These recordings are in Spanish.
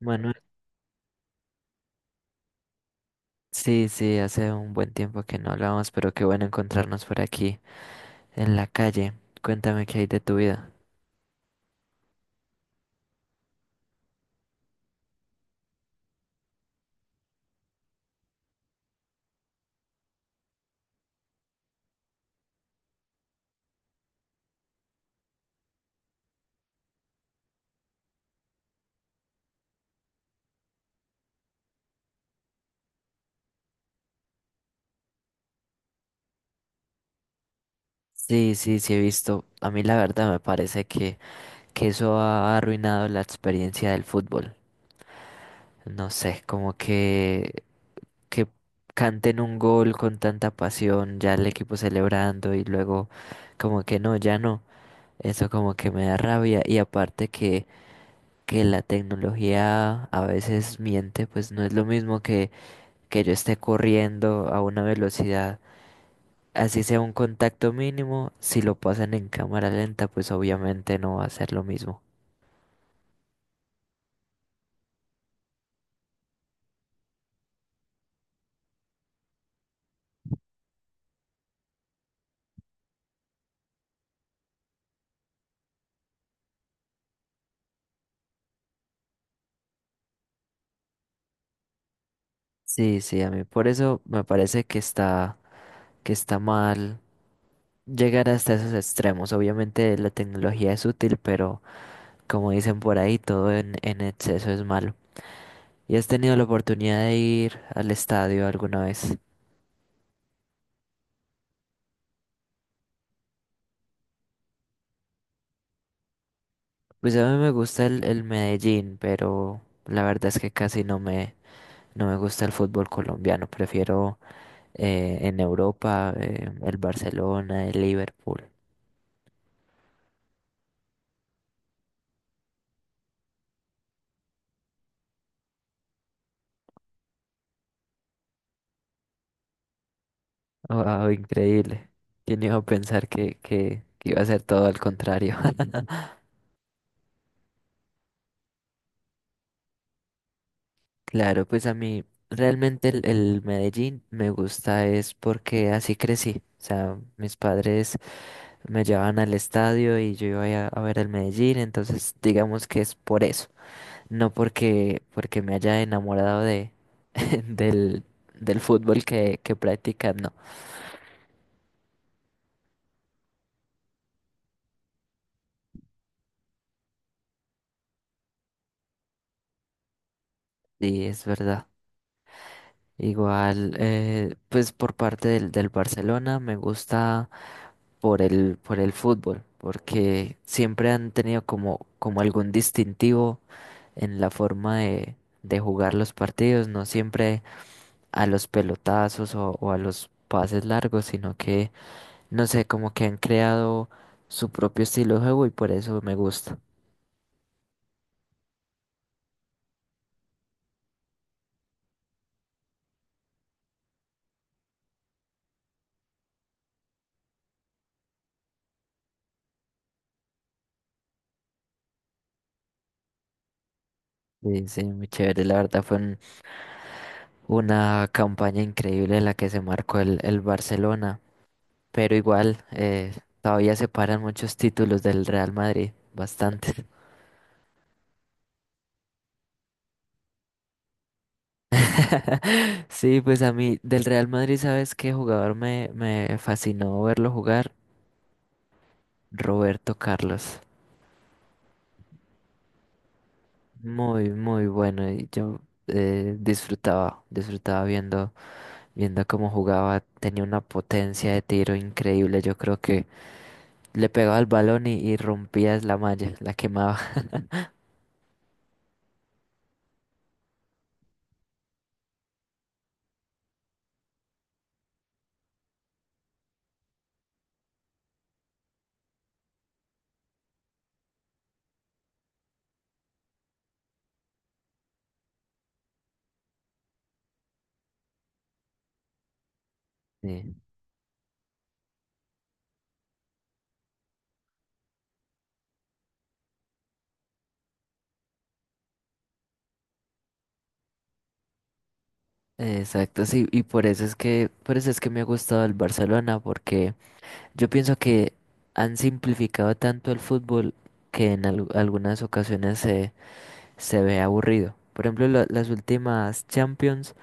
Bueno, sí, sí, hace un buen tiempo que no hablamos, pero qué bueno encontrarnos por aquí en la calle. Cuéntame qué hay de tu vida. Sí, sí, sí he visto. A mí la verdad me parece que eso ha arruinado la experiencia del fútbol. No sé, que canten un gol con tanta pasión, ya el equipo celebrando y luego como que no, ya no. Eso como que me da rabia y aparte que la tecnología a veces miente, pues no es lo mismo que yo esté corriendo a una velocidad, así sea un contacto mínimo, si lo pasan en cámara lenta, pues obviamente no va a ser lo mismo. Sí, sí, a mí por eso me parece que está mal llegar hasta esos extremos. Obviamente la tecnología es útil, pero como dicen por ahí, todo en exceso es malo. ¿Y has tenido la oportunidad de ir al estadio alguna vez? Pues a mí me gusta el Medellín, pero la verdad es que casi no me, no me gusta el fútbol colombiano, prefiero en Europa el Barcelona, el Liverpool. Wow, increíble. ¿Quién iba a pensar que iba a ser todo al contrario? Claro, pues a mí realmente el Medellín me gusta es porque así crecí. O sea, mis padres me llevaban al estadio y yo iba a ver el Medellín, entonces digamos que es por eso. No porque me haya enamorado del, del fútbol que practican, no. Sí, es verdad. Igual, pues por parte del Barcelona me gusta por por el fútbol, porque siempre han tenido como algún distintivo en la forma de jugar los partidos, no siempre a los pelotazos o a los pases largos, no sé, como que han creado su propio estilo de juego y por eso me gusta. Sí, sí, muy chévere. La verdad fue un- Una campaña increíble la que se marcó el Barcelona, pero igual todavía separan muchos títulos del Real Madrid, bastante. Sí, pues a mí del Real Madrid, ¿sabes qué jugador me fascinó verlo jugar? Roberto Carlos. Muy bueno. Y yo disfrutaba viendo cómo jugaba. Tenía una potencia de tiro increíble. Yo creo que le pegaba el balón y rompías la malla, la quemaba. Sí. Exacto, sí, y por eso es que me ha gustado el Barcelona, porque yo pienso que han simplificado tanto el fútbol que en algunas ocasiones se ve aburrido. Por ejemplo, las últimas Champions,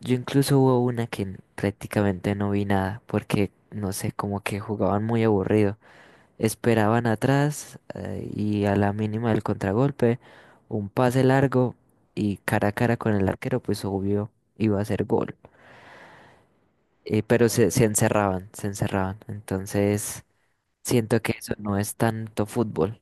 yo incluso hubo una que prácticamente no vi nada, porque no sé, como que jugaban muy aburrido. Esperaban atrás y a la mínima del contragolpe, un pase largo y cara a cara con el arquero, pues obvio iba a ser gol. Pero se encerraban, se encerraban. Entonces, siento que eso no es tanto fútbol.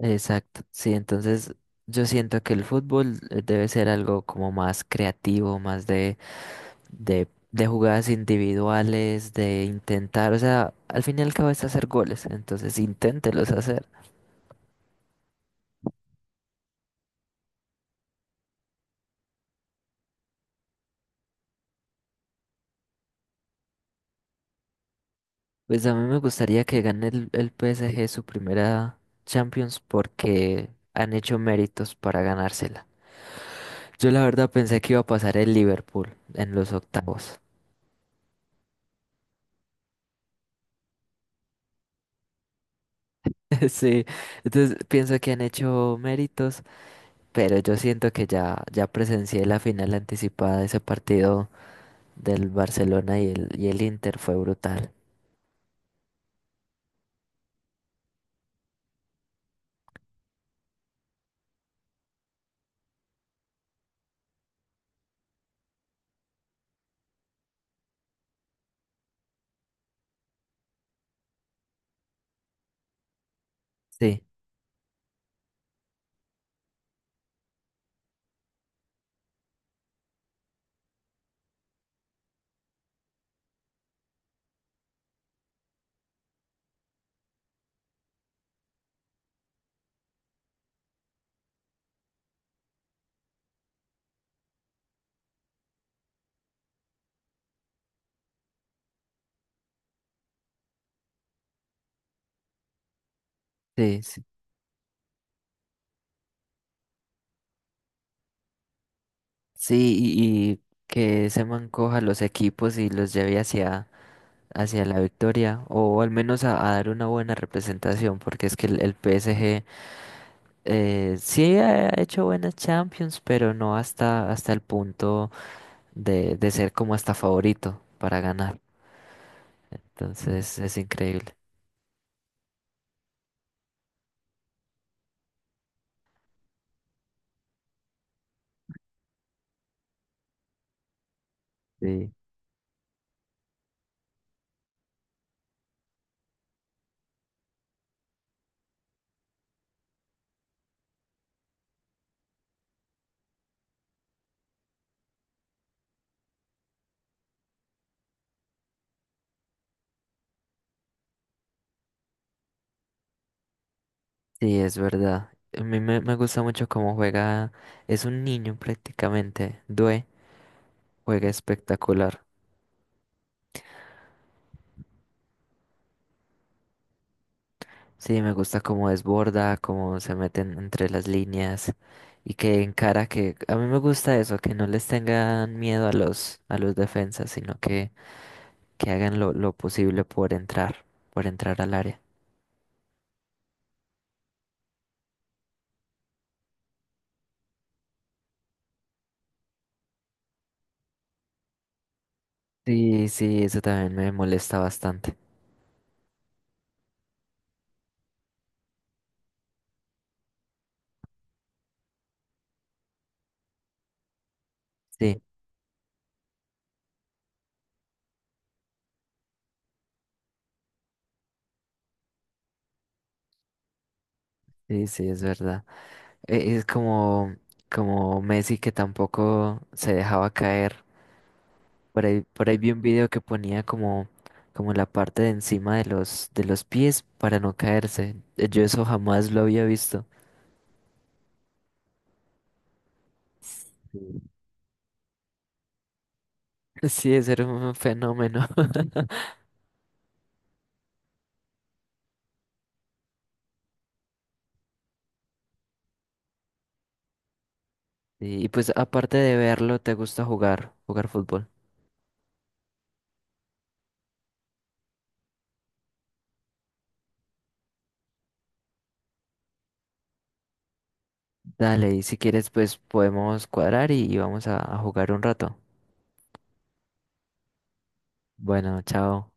Exacto, sí, entonces yo siento que el fútbol debe ser algo como más creativo, más de jugadas individuales, de intentar, o sea, al fin y al cabo es hacer goles, entonces inténtelos hacer. Pues a mí me gustaría que gane el PSG su primera Champions porque han hecho méritos para ganársela. Yo la verdad pensé que iba a pasar el Liverpool en los octavos. Sí, entonces pienso que han hecho méritos, pero yo siento que ya presencié la final anticipada de ese partido del Barcelona y el Inter, fue brutal. Sí, sí, sí, sí, y que se mancoja los equipos y los lleve hacia la victoria o al menos a dar una buena representación, porque es que el PSG sí ha hecho buenas Champions, pero no hasta el punto de ser como hasta favorito para ganar. Entonces es increíble. Sí, sí, es verdad. A mí me gusta mucho cómo juega, es un niño prácticamente, Due, juega espectacular. Sí, me gusta cómo desborda, cómo se meten entre las líneas y que encara que a mí me gusta eso, que no les tengan miedo a los defensas, sino que hagan lo posible por entrar al área. Sí, sí, eso también me molesta bastante. Sí, sí, sí, es verdad. Es como como Messi que tampoco se dejaba caer. Por ahí vi un video que ponía como la parte de encima de de los pies para no caerse. Yo eso jamás lo había visto. Sí. Sí, ese era un fenómeno. Y, y pues aparte de verlo, ¿te gusta jugar, jugar fútbol? Dale, y si quieres, pues podemos cuadrar y vamos a jugar un rato. Bueno, chao.